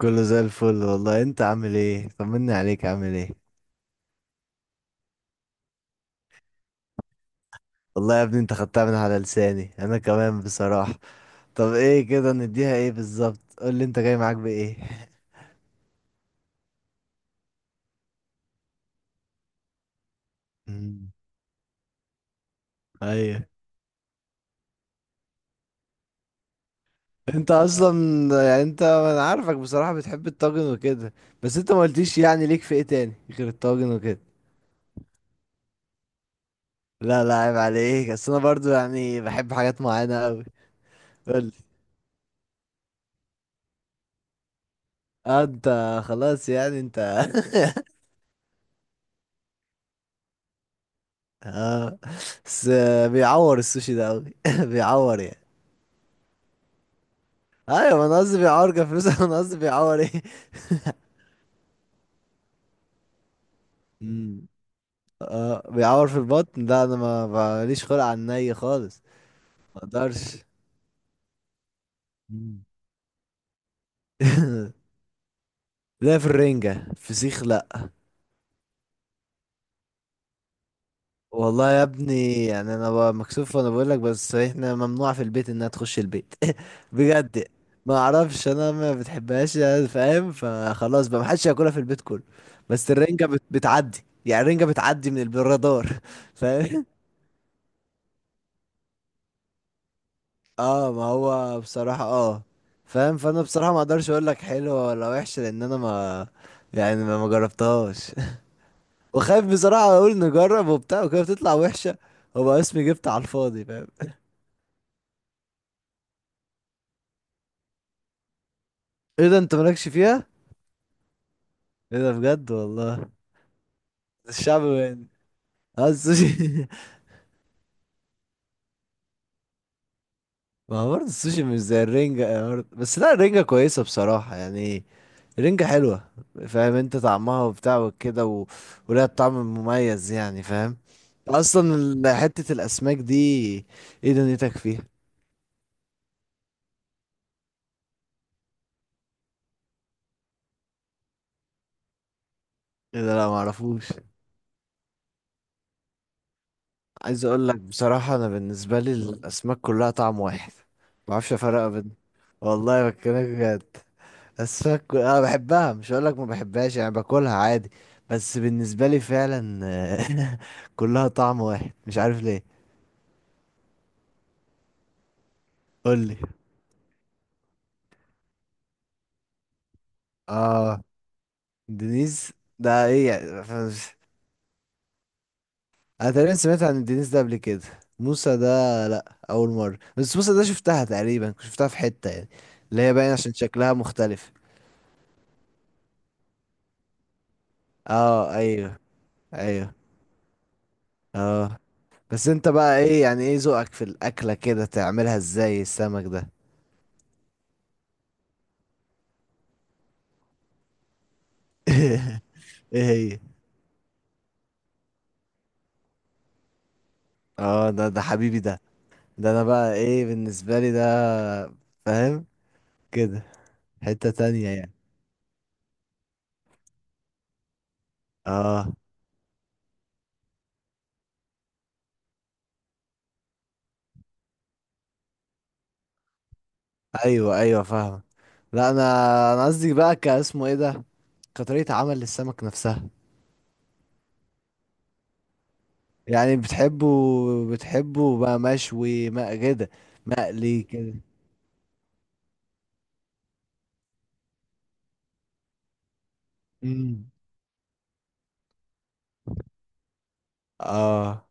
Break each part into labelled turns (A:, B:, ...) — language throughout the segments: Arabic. A: كله زي الفل والله. انت عامل ايه؟ طمني عليك، عامل ايه؟ والله يا ابني انت خدتها من على لساني، انا كمان بصراحة. طب ايه كده، نديها ايه بالظبط؟ قول لي، انت جاي معاك بايه؟ مم. ايوه. انت اصلا. يعني انت، انا عارفك بصراحة بتحب الطاجن وكده. بس انت ما قلتيش يعني ليك في ايه تاني غير الطاجن وكده. لا لا، عيب عليك. بس انا برضو يعني بحب حاجات معينة قوي. قول لي. اه. انت خلاص، يعني انت. اه بس. بيعور السوشي ده قوي بيعور يعني. ايوه، ما انا قصدي بيعور كفلوس انا قصدي بيعور ايه. امم اه، بيعور في البطن ده. انا ما ماليش خلق على الني خالص. ما اقدرش. أمم. لا، في الرنجة فسيخ؟ لا. والله يا ابني، يعني انا بقى مكسوف وانا بقول لك، بس احنا ممنوع في البيت انها تخش البيت. بجد. ما اعرفش، انا ما بتحبهاش يعني، فاهم؟ فخلاص بقى محدش ياكلها في البيت كله. بس الرنجة بتعدي، يعني الرنجة بتعدي من الرادار. فاهم. اه ما هو بصراحة فاهم. فانا بصراحة ما اقدرش اقول لك حلوة ولا وحشة لان انا ما، يعني ما جربتهاش. وخايف بصراحة اقول نجرب وبتاع وكده بتطلع وحشة، وبقى اسمي جبت على الفاضي، فاهم؟ ايه ده، انت مالكش فيها؟ ايه ده بجد والله. الشعب يعني. اه، السوشي. ما هو برضه السوشي مش زي الرنجة يعني برضه. بس لا، الرنجة كويسة بصراحة يعني. الرنجة حلوة. فاهم انت طعمها وبتاع وكده و... ولها طعم مميز يعني، فاهم؟ اصلا حتة الاسماك دي، ايه دنيتك فيها؟ ايه ده، لا معرفوش. عايز اقول لك بصراحة، انا بالنسبة لي الاسماك كلها طعم واحد. معرفش افرق بين. والله بكلمك بجد. السك انا بحبها، مش هقول لك ما بحبهاش يعني، باكلها عادي. بس بالنسبه لي فعلا كلها طعم واحد، مش عارف ليه. قول لي. اه. دينيز. ده ايه يعني انا تقريبا سمعت عن الدينيز ده قبل كده. موسى ده؟ لا اول مره. بس موسى ده شفتها تقريبا، كنت شفتها في حته يعني، اللي هي باين عشان شكلها مختلف. اه ايوه ايوه اه. بس انت بقى ايه يعني، ايه ذوقك في الاكله كده؟ تعملها ازاي السمك ده؟ ايه هي؟ اه، ده ده حبيبي ده. ده انا بقى ايه بالنسبة لي ده، فاهم؟ كده حتة تانية يعني. اه ايوه ايوه فاهم. لا انا قصدي بقى كاسمه ايه ده، كطريقة عمل للسمك نفسها. يعني بتحبه؟ بتحبه بقى مشوي ما كده؟ مقلي كده. امم اه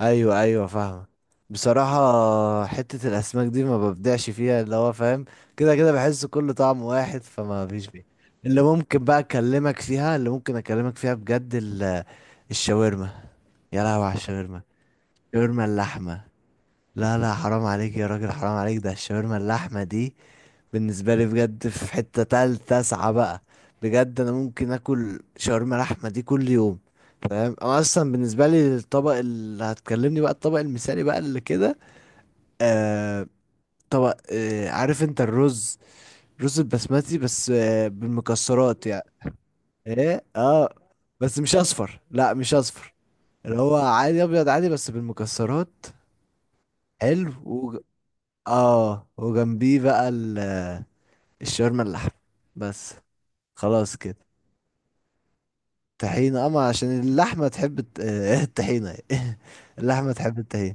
A: ايوه ايوه فاهمة. بصراحة حتة الاسماك دي ما ببدعش فيها اللي هو، فاهم؟ كده كده بحس كل طعم واحد فما فيش بيه. اللي ممكن اكلمك فيها بجد الشاورما. يا لهوي على الشاورما، شاورما اللحمة. لا لا، حرام عليك يا راجل، حرام عليك. ده الشاورما اللحمة دي بالنسبة لي بجد في حتة تالتة تسعة بقى. بجد أنا ممكن آكل شاورما لحمة دي كل يوم. فاهم؟ أنا أصلا بالنسبة لي الطبق اللي هتكلمني بقى الطبق المثالي بقى اللي كده. آه طبق، عارف أنت الرز، رز البسمتي بس بالمكسرات يعني. إيه. بس مش أصفر، لا مش أصفر. اللي هو عادي أبيض عادي بس بالمكسرات. حلو. اه وجنبيه بقى الشاورما اللحم بس. خلاص كده. طحينة اما عشان اللحمة تحب الطحينة إيه. اللحمة تحب الطحينة.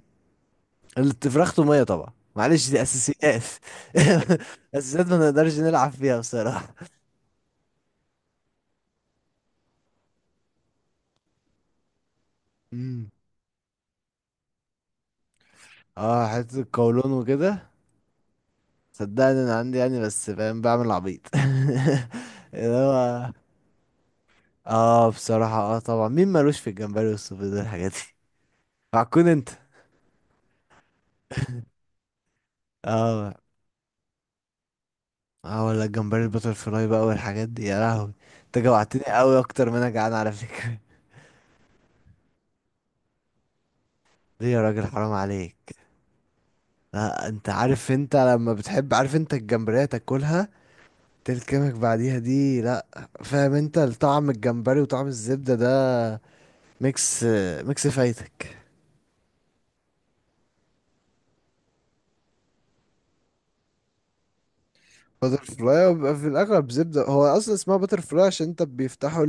A: الفراخ تومية طبعا، معلش دي اساسيات. اساسيات ما نقدرش نلعب فيها بصراحة. مم. اه حتة القولون وكده. صدقني انا عندي يعني بس فاهم بعمل عبيط. اللي هو. اه بصراحة، طبعا مين مالوش في الجمبري والسوفيتي والحاجات دي؟ عكون انت. اه. اه، ولا الجمبري البتر فلاي بقى والحاجات دي يا لهوي. انت جوعتني قوي اكتر ما انا جعان على فكرة. ليه يا راجل، حرام عليك. لا انت عارف، انت لما بتحب، عارف انت الجمبرية تاكلها تلكمك بعديها دي؟ لا. فاهم انت طعم الجمبري وطعم الزبدة ده، ميكس ميكس فايتك. بتر فلاي، وبيبقى في الاغلب زبدة. هو اصلا اسمها بتر فلاي عشان انت بيفتحوا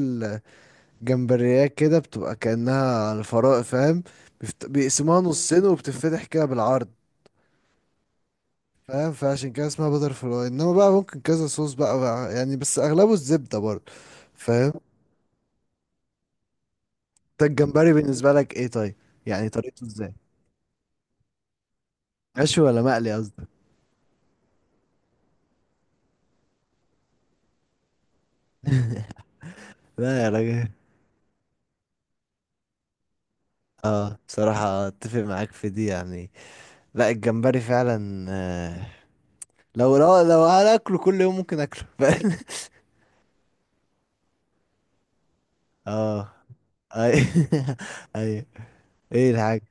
A: الجمبريات كده، بتبقى كأنها الفراء، فاهم؟ بيقسموها نصين وبتتفتح كده بالعرض، فاهم؟ فعشان كده اسمها بتر فلاي. انما بقى ممكن كذا صوص بقى يعني، بس اغلبه الزبده برضه، فاهم؟ انت الجمبري بالنسبه لك ايه طيب؟ يعني طريقته ازاي؟ مشوي ولا مقلي قصدك؟ لا يا راجل. اه بصراحه اتفق معاك في دي يعني. لا الجمبري فعلا. لو هاكله كل يوم ممكن اكله فاهم؟ اه اي. اي. ايه الحاجه؟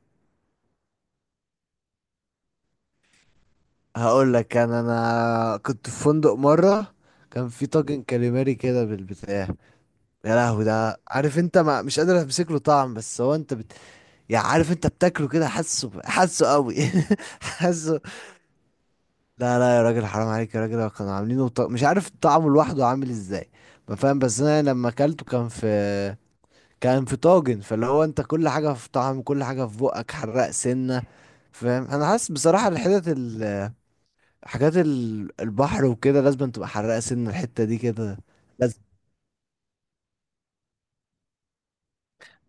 A: هقول لك، انا كنت في فندق مره. كان في طاجن كاليماري كده بالبتاع. يا لهوي ده، عارف انت ما مش قادر امسك له طعم، بس هو انت بت... يعني عارف انت بتاكله كده، حاسه حاسه قوي. حاسه. لا لا يا راجل، حرام عليك يا راجل. كانوا عاملينه مش عارف طعمه لوحده عامل ازاي. ما فاهم، بس انا لما اكلته كان في، طاجن فاللي هو انت كل حاجه في طعم، كل حاجه في بقك حراق سنه. فاهم؟ انا حاسس بصراحه الحتت ال... حاجات ال... البحر وكده لازم تبقى حراقه سنه الحته دي كده.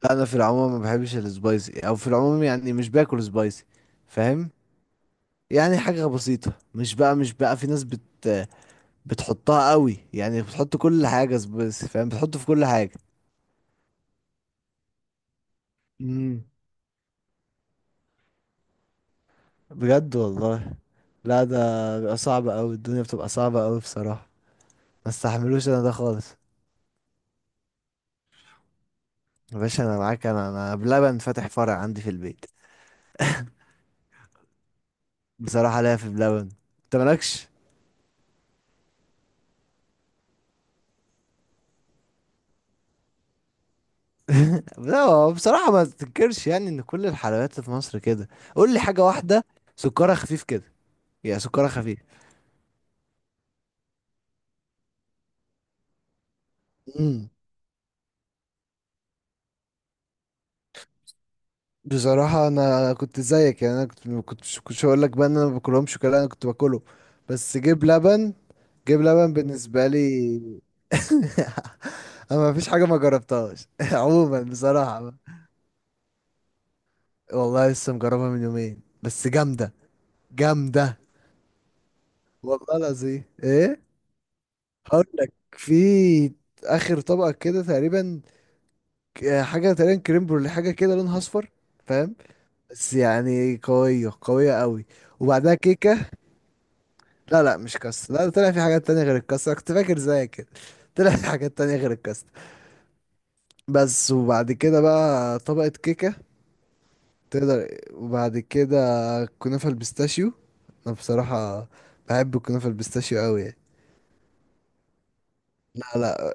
A: لا انا في العموم ما بحبش السبايسي، او في العموم يعني مش باكل سبايسي، فاهم؟ يعني حاجه بسيطه، مش بقى في ناس بت، بتحطها قوي يعني، بتحط كل حاجه سبايسي فاهم، بتحط في كل حاجه. امم بجد والله؟ لا ده بيبقى صعب قوي، الدنيا بتبقى صعبه قوي بصراحه، ما استحملوش انا ده خالص. يا باشا انا معاك، انا بلبن فاتح فرع عندي في البيت. بصراحه ليا في بلبن، انت مالكش؟ لا هو بصراحة ما تنكرش يعني ان كل الحلويات في مصر كده. قول لي حاجة واحدة سكرها خفيف كده، يعني سكرها خفيف. امم بصراحة أنا كنت زيك يعني. أنا كنت، ما كنتش هقول لك بقى إن أنا ما باكلهمش كده، أنا كنت باكله. بس جيب لبن، بالنسبة لي. أنا ما فيش حاجة ما جربتهاش عموما بصراحة. والله لسه مجربها من يومين بس جامدة. جامدة. والله العظيم إيه. هقول لك، في آخر طبقة كده تقريبا حاجة تقريبا كريم برولي، حاجة كده لونها أصفر، فاهم؟ بس يعني قوية قوية قوي. وبعدها كيكة. لا لا مش كاستر لا. طلع في حاجات تانية غير الكاستر، أنا كنت فاكر زيك كده. طلع في حاجات تانية غير الكاستر. بس وبعد كده بقى طبقة كيكة تقدر. وبعد كده كنافة البيستاشيو. أنا بصراحة بحب الكنافة البيستاشيو أوي يعني. لا لا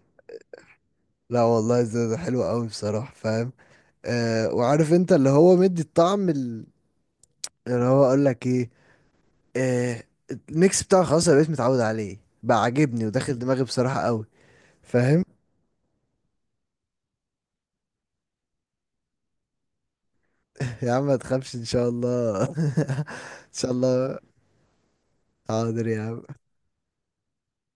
A: لا والله، ده حلو أوي بصراحة، فاهم؟ وعارف أنت اللي هو مدي الطعم اللي هو أقول لك إيه. آه الميكس بتاعه خلاص، انا بقيت متعود عليه بقى، عاجبني وداخل دماغي بصراحة قوي. فاهم. يا عم ما تخافش ان شاء الله. ان شاء الله. حاضر يا عم،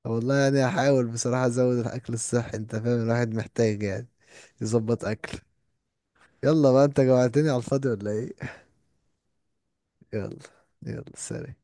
A: والله يعني هحاول بصراحة ازود الاكل الصحي، انت فاهم الواحد محتاج يعني يظبط اكل. يلا بقى، انت جوعتني على الفاضي ولا ايه؟ يلا. يلا سلام.